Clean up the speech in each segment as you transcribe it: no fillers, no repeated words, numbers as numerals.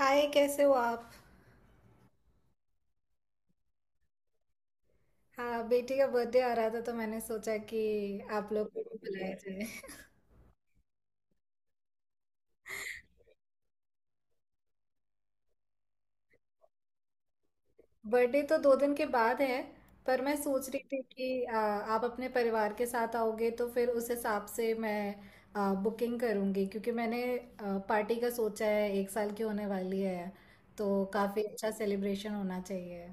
हाय, कैसे हो आप? हाँ, बेटी का बर्थडे आ रहा था तो मैंने सोचा कि आप लोग को भी बुलाया जाए। बर्थडे तो 2 दिन के बाद है। पर मैं सोच रही थी कि आप अपने परिवार के साथ आओगे तो फिर उस हिसाब से मैं बुकिंग करूँगी, क्योंकि मैंने पार्टी का सोचा है। 1 साल की होने वाली है, तो काफ़ी अच्छा सेलिब्रेशन होना चाहिए।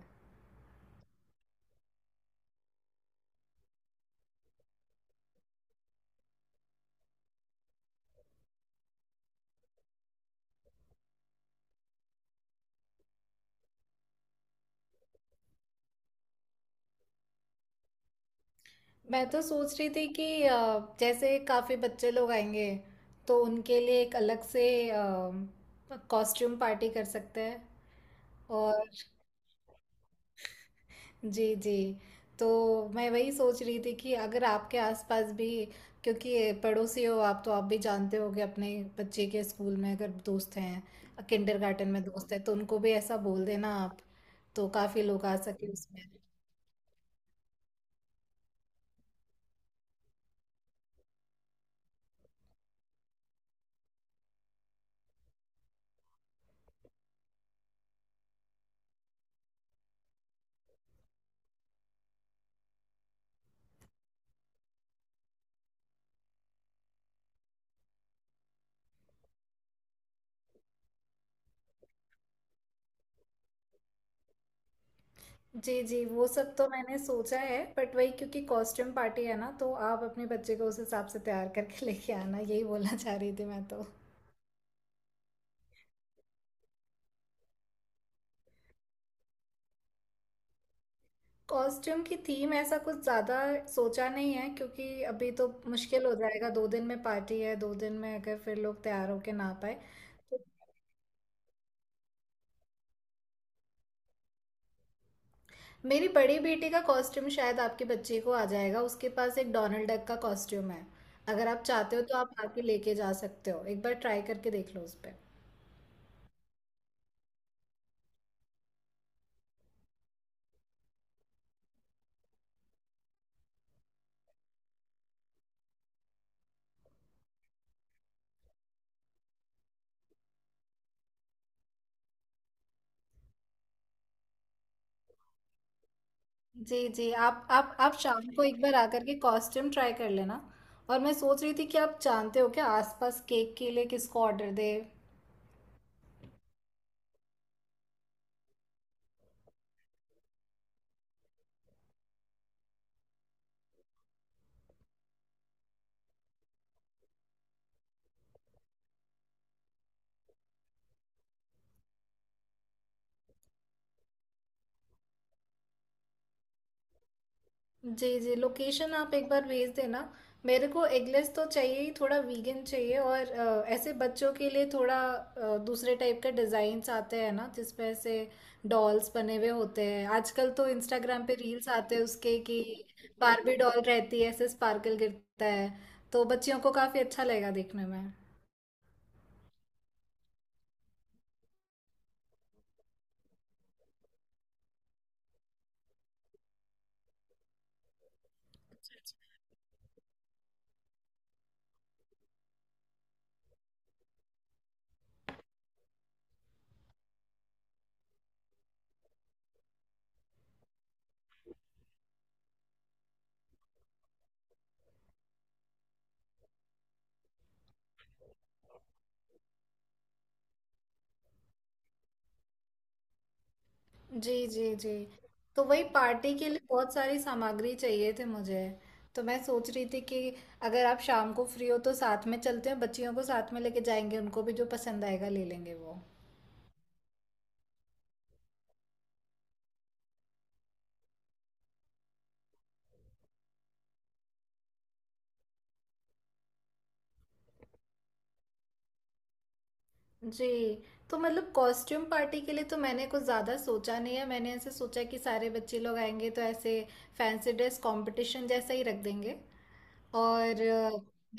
मैं तो सोच रही थी कि जैसे काफ़ी बच्चे लोग आएंगे, तो उनके लिए एक अलग से कॉस्ट्यूम पार्टी कर सकते हैं। और। जी, जी। तो मैं वही सोच रही थी कि अगर आपके आसपास भी, क्योंकि पड़ोसी हो आप, तो आप भी जानते होगे अपने बच्चे के स्कूल में, अगर दोस्त हैं, किंडरगार्टन में दोस्त हैं, तो उनको भी ऐसा बोल देना आप, तो काफ़ी लोग आ सके उसमें। जी, जी। वो सब तो मैंने सोचा है, बट वही, क्योंकि कॉस्ट्यूम पार्टी है ना, तो आप अपने बच्चे को उस हिसाब से तैयार करके लेके आना, यही बोलना चाह रही थी मैं तो। कॉस्ट्यूम की थीम ऐसा कुछ ज़्यादा सोचा नहीं है, क्योंकि अभी तो मुश्किल हो जाएगा। 2 दिन में पार्टी है, 2 दिन में अगर फिर लोग तैयार होके ना आ पाए तो? मेरी बड़ी बेटी का कॉस्ट्यूम शायद आपके बच्चे को आ जाएगा, उसके पास एक डोनाल्ड डक का कॉस्ट्यूम है। अगर आप चाहते हो तो आप आके लेके जा सकते हो, एक बार ट्राई करके देख लो उस पर। जी, जी। आप शाम को एक बार आकर के कॉस्ट्यूम ट्राई कर लेना। और मैं सोच रही थी कि आप जानते हो क्या, आसपास केक के लिए किसको ऑर्डर दे? जी, जी। लोकेशन आप एक बार भेज देना। मेरे को एगलेस तो चाहिए ही, थोड़ा वीगन चाहिए, और ऐसे बच्चों के लिए थोड़ा दूसरे टाइप के डिज़ाइंस आते हैं ना, जिसमें ऐसे डॉल्स बने हुए होते हैं। आजकल तो इंस्टाग्राम पे रील्स आते हैं उसके कि बारबी डॉल रहती है, ऐसे स्पार्कल गिरता है, तो बच्चियों को काफ़ी अच्छा लगेगा देखने में। जी, जी, जी। तो वही पार्टी के लिए बहुत सारी सामग्री चाहिए थी मुझे। तो मैं सोच रही थी कि अगर आप शाम को फ्री हो, तो साथ में चलते हैं, बच्चियों को साथ में लेके जाएंगे, उनको भी जो पसंद आएगा ले लेंगे वो। जी। तो मतलब कॉस्ट्यूम पार्टी के लिए तो मैंने कुछ ज़्यादा सोचा नहीं है, मैंने ऐसे सोचा कि सारे बच्चे लोग आएंगे तो ऐसे फैंसी ड्रेस कंपटीशन जैसा ही रख देंगे। और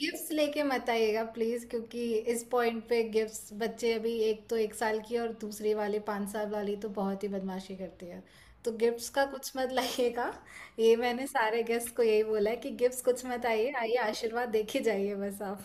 गिफ्ट्स लेके मत आइएगा प्लीज, क्योंकि इस पॉइंट पे गिफ्ट्स, बच्चे अभी, एक तो 1 साल की है और दूसरी वाली 5 साल वाली तो बहुत ही बदमाशी करती है, तो गिफ्ट्स का कुछ मत लाइएगा। ये मैंने सारे गेस्ट को यही बोला है कि गिफ्ट्स कुछ मत, आइए आइए, आशीर्वाद देखे जाइए बस आप।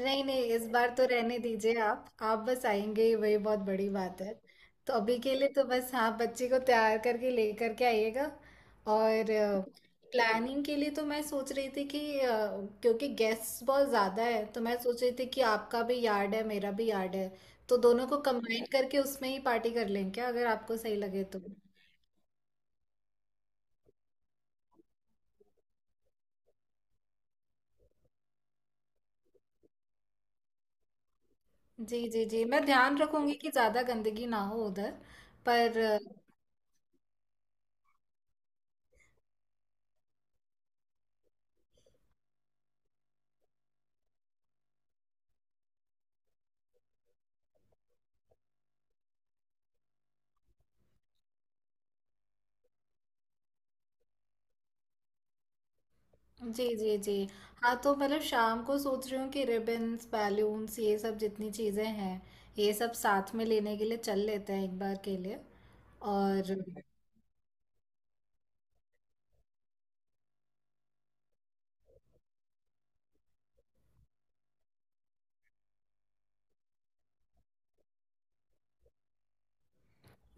नहीं, नहीं, इस बार तो रहने दीजिए। आप बस आएंगे ही, वही बहुत बड़ी बात है। तो अभी के लिए तो बस, हाँ, बच्चे को तैयार करके लेकर के आइएगा। और प्लानिंग के लिए तो मैं सोच रही थी कि क्योंकि गेस्ट बहुत ज़्यादा है, तो मैं सोच रही थी कि आपका भी यार्ड है, मेरा भी यार्ड है। तो दोनों को कंबाइन करके उसमें ही पार्टी कर लें क्या, अगर आपको सही लगे तो? जी, जी, जी। मैं ध्यान रखूंगी कि ज़्यादा गंदगी ना हो उधर। पर। जी, जी, जी। हाँ, तो मतलब शाम को सोच रही हूँ कि रिबन्स, बैलून्स, ये सब जितनी चीज़ें हैं, ये सब साथ में लेने के लिए चल लेते हैं एक बार के लिए। और।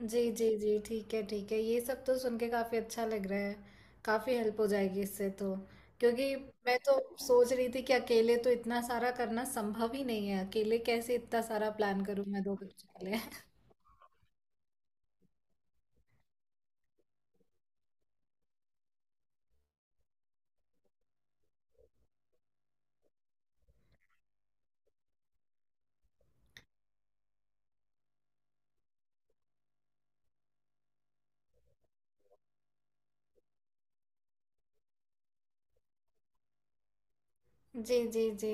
जी, जी, जी, ठीक है, ठीक है। ये सब तो सुन के काफ़ी अच्छा लग रहा है। काफ़ी हेल्प हो जाएगी इससे तो। क्योंकि मैं तो सोच रही थी कि अकेले तो इतना सारा करना संभव ही नहीं है। अकेले कैसे इतना सारा प्लान करूँ मैं 2 बच्चों के लिए? जी, जी, जी।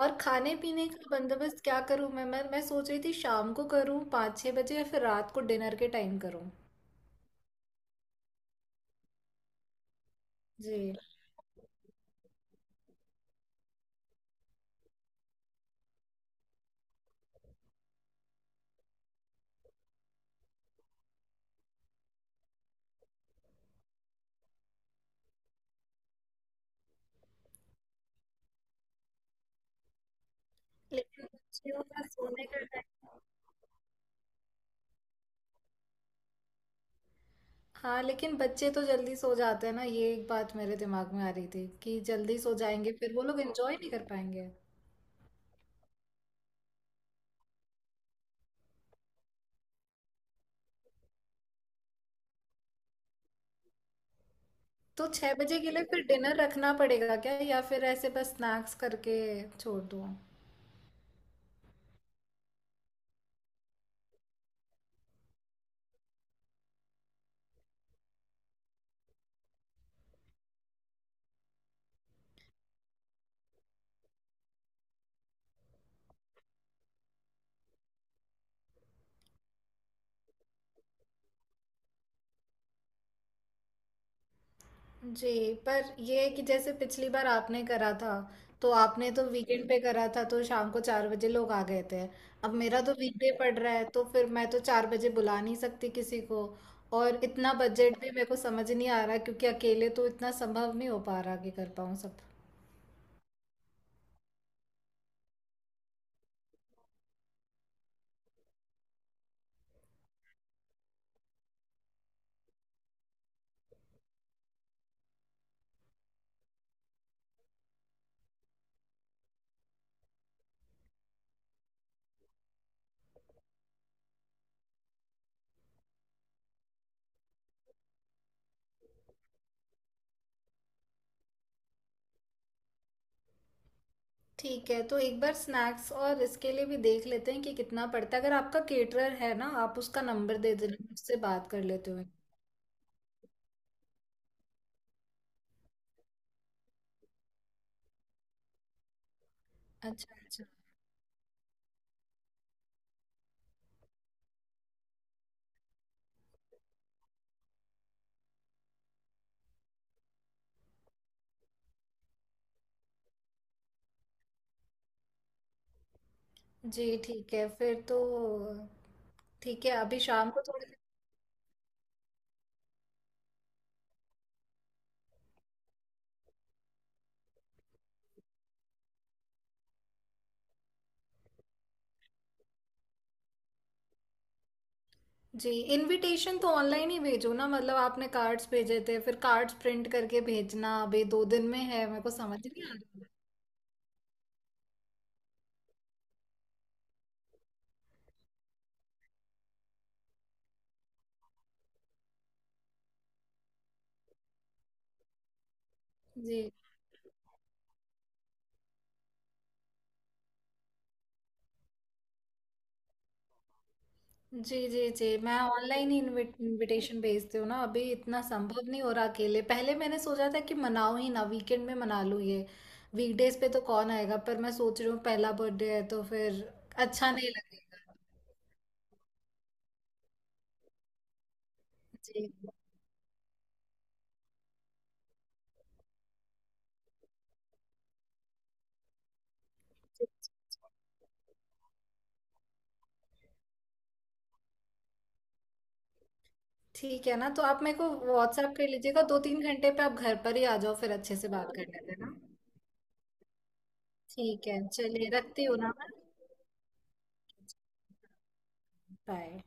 और खाने पीने का बंदोबस्त क्या करूं मैं, सोच रही थी शाम को करूं 5-6 बजे या फिर रात को डिनर के टाइम करूं? जी। लेकिन बच्चियों का सोने का टाइम। हाँ, लेकिन बच्चे तो जल्दी सो जाते हैं ना, ये एक बात मेरे दिमाग में आ रही थी कि जल्दी सो जाएंगे, फिर वो लोग एंजॉय नहीं कर पाएंगे। तो 6 बजे के लिए फिर डिनर रखना पड़ेगा क्या, या फिर ऐसे बस स्नैक्स करके छोड़ दूं? जी, पर ये है कि जैसे पिछली बार आपने करा था, तो आपने तो वीकेंड पे करा था, तो शाम को 4 बजे लोग आ गए थे। अब मेरा तो वीकडे पड़ रहा है, तो फिर मैं तो 4 बजे बुला नहीं सकती किसी को, और इतना बजट भी मेरे को समझ नहीं आ रहा, क्योंकि अकेले तो इतना संभव नहीं हो पा रहा कि कर पाऊँ सब। ठीक है, तो एक बार स्नैक्स और इसके लिए भी देख लेते हैं कि कितना पड़ता है। अगर आपका केटरर है ना, आप उसका नंबर दे देना, मैं उससे बात कर लेते हुए। अच्छा, अच्छा। जी, ठीक है फिर तो। ठीक है, अभी शाम को थोड़ी। जी, इनविटेशन तो ऑनलाइन ही भेजो ना, मतलब आपने कार्ड्स भेजे थे, फिर कार्ड्स प्रिंट करके भेजना अभी 2 दिन में है, मेरे को समझ नहीं आ रहा। जी, जी, जी, जी। मैं ऑनलाइन ही इनविटेशन भेजती हूँ ना, अभी इतना संभव नहीं हो रहा अकेले। पहले मैंने सोचा था कि मनाऊं ही ना, वीकेंड में मना लूँ, ये वीकडेज पे तो कौन आएगा, पर मैं सोच रही हूँ पहला बर्थडे है, तो फिर अच्छा नहीं लगेगा। जी, ठीक है ना, तो आप मेरे को व्हाट्सएप कर लीजिएगा। 2-3 घंटे पे आप घर पर ही आ जाओ, फिर अच्छे से बात कर लेते हैं ना। ठीक है, चलिए रखती हूँ ना मैं। बाय।